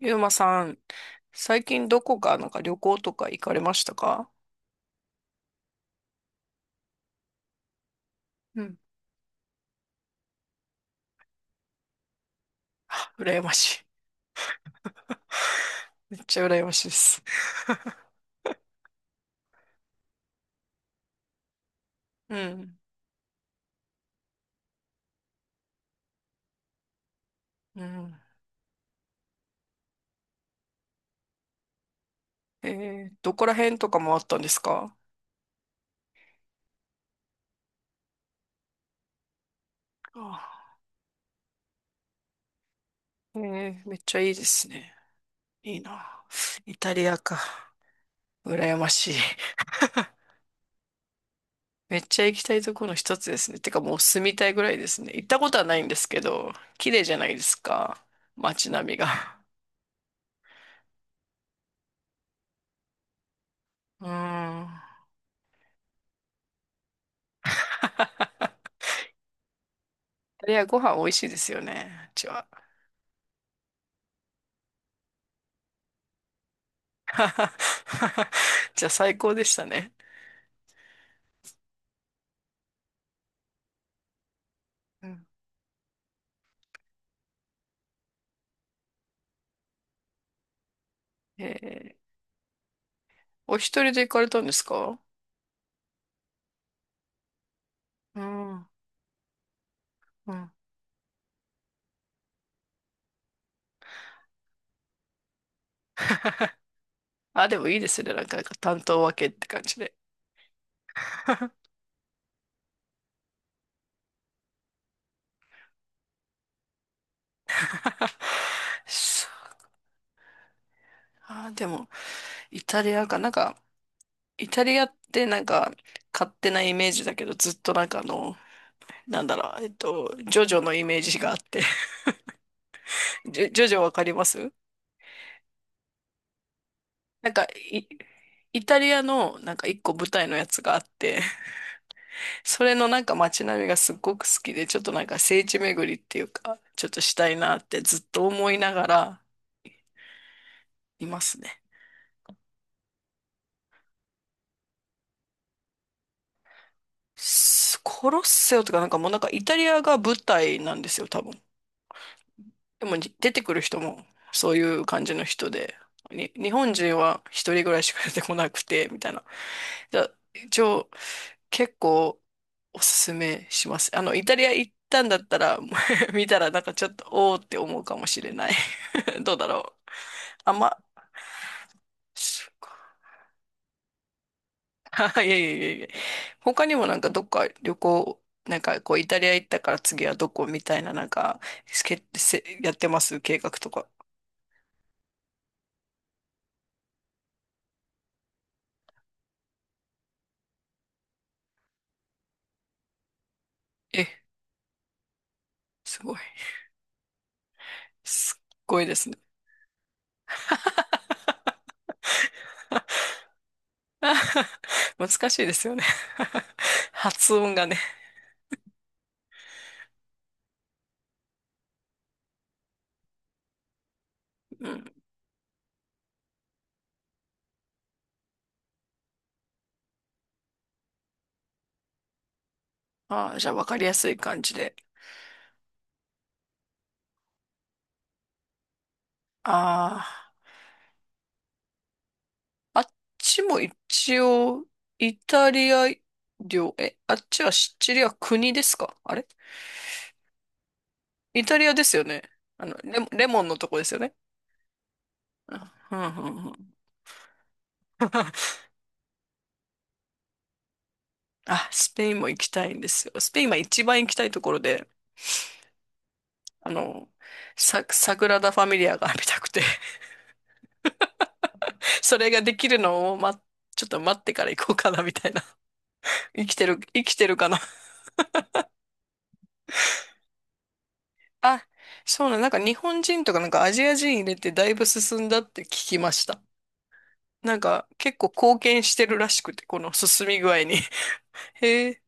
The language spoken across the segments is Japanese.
ゆうまさん、最近どこかなんか旅行とか行かれましたか？うん。羨ましい。めっちゃ羨ましいです。うん。うん。えどこら辺とかもあったんですか？あ、めっちゃいいですね。いいな。イタリアか。羨ましい。めっちゃ行きたいところの一つですね。てかもう住みたいぐらいですね。行ったことはないんですけど、綺麗じゃないですか。街並みが。うーん。イタリアご飯美味しいですよね。うちは。じゃあ最高でしたね。うん、えー、お一人で行かれたんですか？うん、うん。あ、でもいいですね。なんか、なんか担当分けって感じで。そう、あ、でも、イタリアか。なんか、イタリアってなんか、勝手なイメージだけど、ずっとなんかあの、なんだろう、ジョジョのイメージがあって。ジョジョわかります？なんか、い、イタリアのなんか一個舞台のやつがあって、それのなんか街並みがすっごく好きで、ちょっとなんか聖地巡りっていうか、ちょっとしたいなってずっと思いながらいますね。スコロッセオとかなんかもうなんかイタリアが舞台なんですよ、多分。でもじ出てくる人もそういう感じの人で、日本人は一人ぐらいしか出てこなくて、みたいな。じゃあ、一応、結構おすすめします。あの、イタリア行ったんだったら、もう 見たらなんかちょっと、おーって思うかもしれない。どうだろう。あんま、そうか。 いやいやいやいや。他にもなんかどっか旅行、なんかこうイタリア行ったから次はどこみたいななんか、せやってます計画とか。え、すごい。すっごいですね。難しいですよね。 発音がね。うん。ああ、じゃあ分かりやすい感じで。ああ、あっちも一応、イタリア領、あっちはシチリア国ですかあれ？イタリアですよね。あの、レモンのとこですよね。うん、うん、うんうん。 あ、スペインも行きたいんですよ。スペインは一番行きたいところで、あの、サグラダ・ファミリアが見たくて、 それができるのを、ま、ちょっと待ってから行こうかな、みたいな。生きてる、生きてるかな。あ、そうなの、なんか日本人とかなんかアジア人入れてだいぶ進んだって聞きました。なんか結構貢献してるらしくて、この進み具合に。へえ。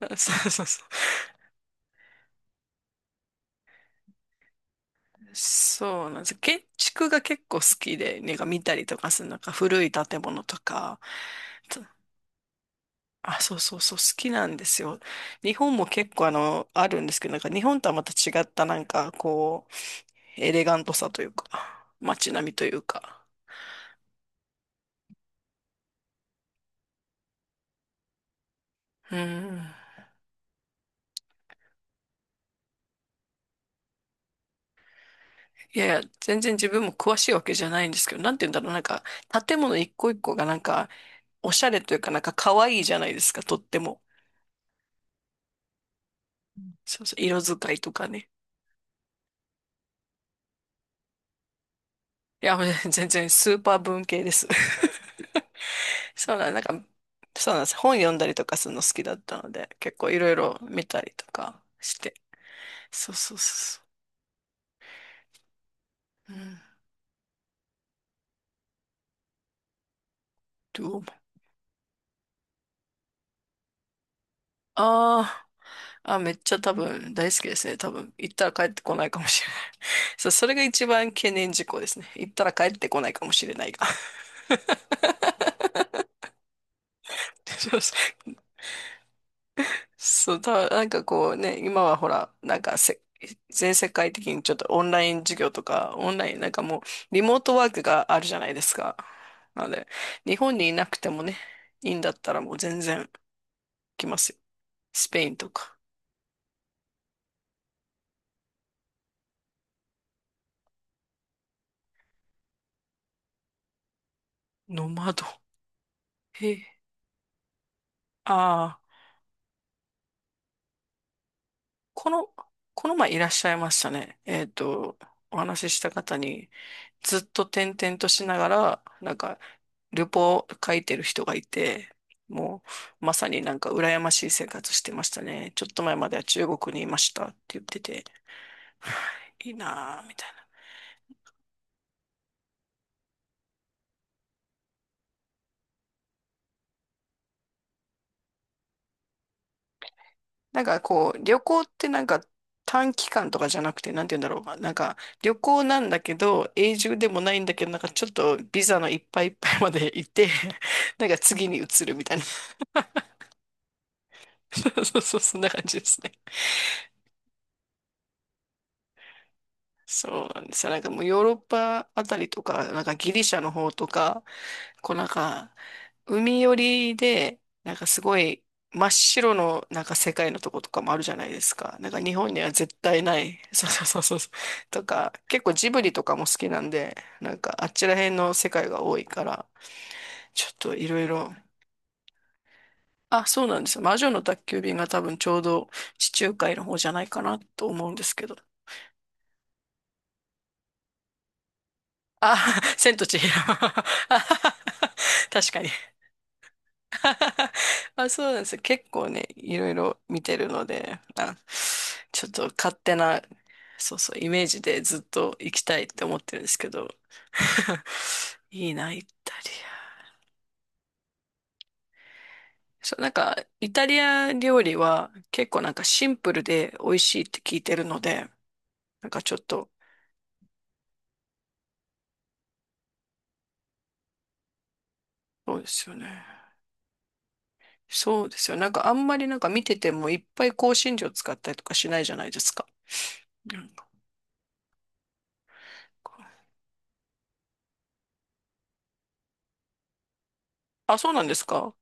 そうそうそう。そうなんです。建築が結構好きで、なんか見たりとかする、なんか古い建物とか、つあ、そうそうそう、好きなんですよ。日本も結構あの、あるんですけど、なんか日本とはまた違った、なんかこう、エレガントさというか、街並みというか。うん。いやいや、全然自分も詳しいわけじゃないんですけど、なんて言うんだろう、なんか、建物一個一個がなんか、おしゃれというか、なんか可愛いじゃないですか、とっても。そうそう、色使いとかね。いや、もう全然スーパー文系です。そうなん、なんか、そうなんです。本読んだりとかするの好きだったので、結構いろいろ見たりとかして。そうそうそうそう。うん。どうも。ああ。あ、めっちゃ多分大好きですね。多分行ったら帰ってこないかもしれない。そう、それが一番懸念事項ですね。行ったら帰ってこないかもしれないが。そうそう、そうたなんかこうね、今はほら、なんかせ、全世界的にちょっとオンライン授業とか、オンライン、なんかもう、リモートワークがあるじゃないですか。なので、日本にいなくてもね、いいんだったらもう全然来ますよ。スペインとか。ノマド。へえ。ああ、この、この前いらっしゃいましたね。お話しした方に、ずっと転々としながら、なんか、旅行を書いてる人がいて、もう、まさになんか羨ましい生活してましたね。ちょっと前までは中国にいましたって言ってて、いいなぁ、みたいな。なんかこう、旅行ってなんか短期間とかじゃなくて、なんて言うんだろう。なんか旅行なんだけど、永住でもないんだけど、なんかちょっとビザのいっぱいいっぱいまでいて、なんか次に移るみたいな。そうそうそう、そんな感じですね。そうなんですよ。なんかもうヨーロッパあたりとか、なんかギリシャの方とか、こうなんか、海寄りで、なんかすごい真っ白のなんか世界のとことかもあるじゃないですか。なんか日本には絶対ない。そうそうそうそうそう。とか、結構ジブリとかも好きなんで、なんかあっちら辺の世界が多いから、ちょっといろいろ。あ、そうなんですよ。魔女の宅急便が多分ちょうど地中海の方じゃないかなと思うんですけど。あ、千と千尋。確かに。あ、そうなんですよ。結構ね、いろいろ見てるので、あ、ちょっと勝手な、そうそう、イメージでずっと行きたいって思ってるんですけど。いいな、イタリア。そう、なんか、イタリア料理は結構なんかシンプルで美味しいって聞いてるので、なんかちょっと、そうですよね。そうですよ。なんかあんまりなんか見ててもいっぱい香辛料使ったりとかしないじゃないですか。なんか、あ、そうなんですか？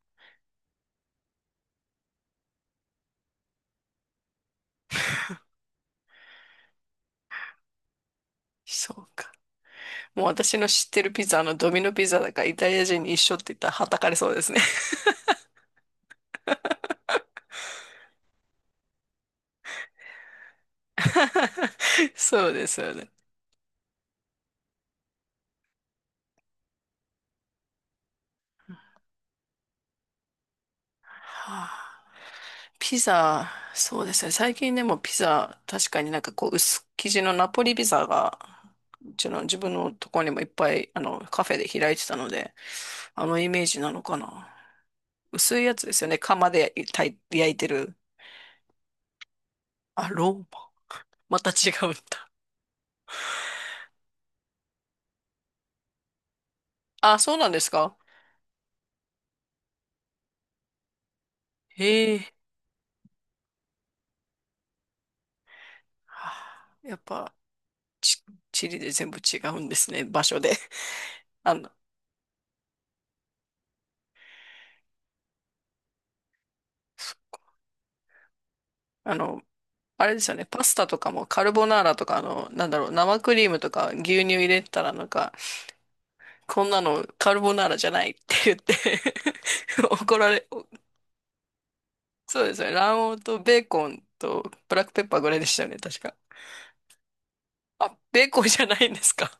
そうか。もう私の知ってるピザ、あのドミノピザだからイタリア人に一緒って言ったらはたかれそうですね。そうですよね。はあ、ピザ、そうですね。最近でもピザ、確かになんかこう薄生地のナポリピザが、うちの自分のところにもいっぱいあのカフェで開いてたので、あのイメージなのかな。薄いやつですよね。釜で焼いてる。あ、ローマ。また違うんだ。あ、そうなんですか。へえ。はあ、やっぱ。ち、チリで全部違うんですね、場所で。あの、あの、あれですよね、パスタとかもカルボナーラとか、あの、なんだろう、生クリームとか牛乳入れたらなんか、こんなのカルボナーラじゃないって言って。 怒られ、そうですね、卵黄とベーコンとブラックペッパーぐらいでしたよね、確か。あ、ベーコンじゃないんですか。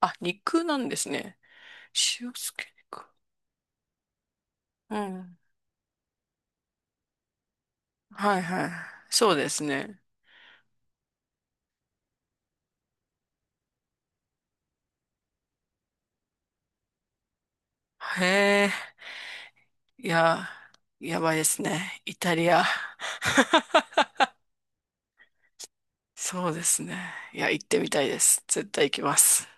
あ、肉なんですね。塩漬け肉。うん。はいはい。そうですね。へえ。いや、やばいですね。イタリア。そうですね。いや、行ってみたいです。絶対行きます。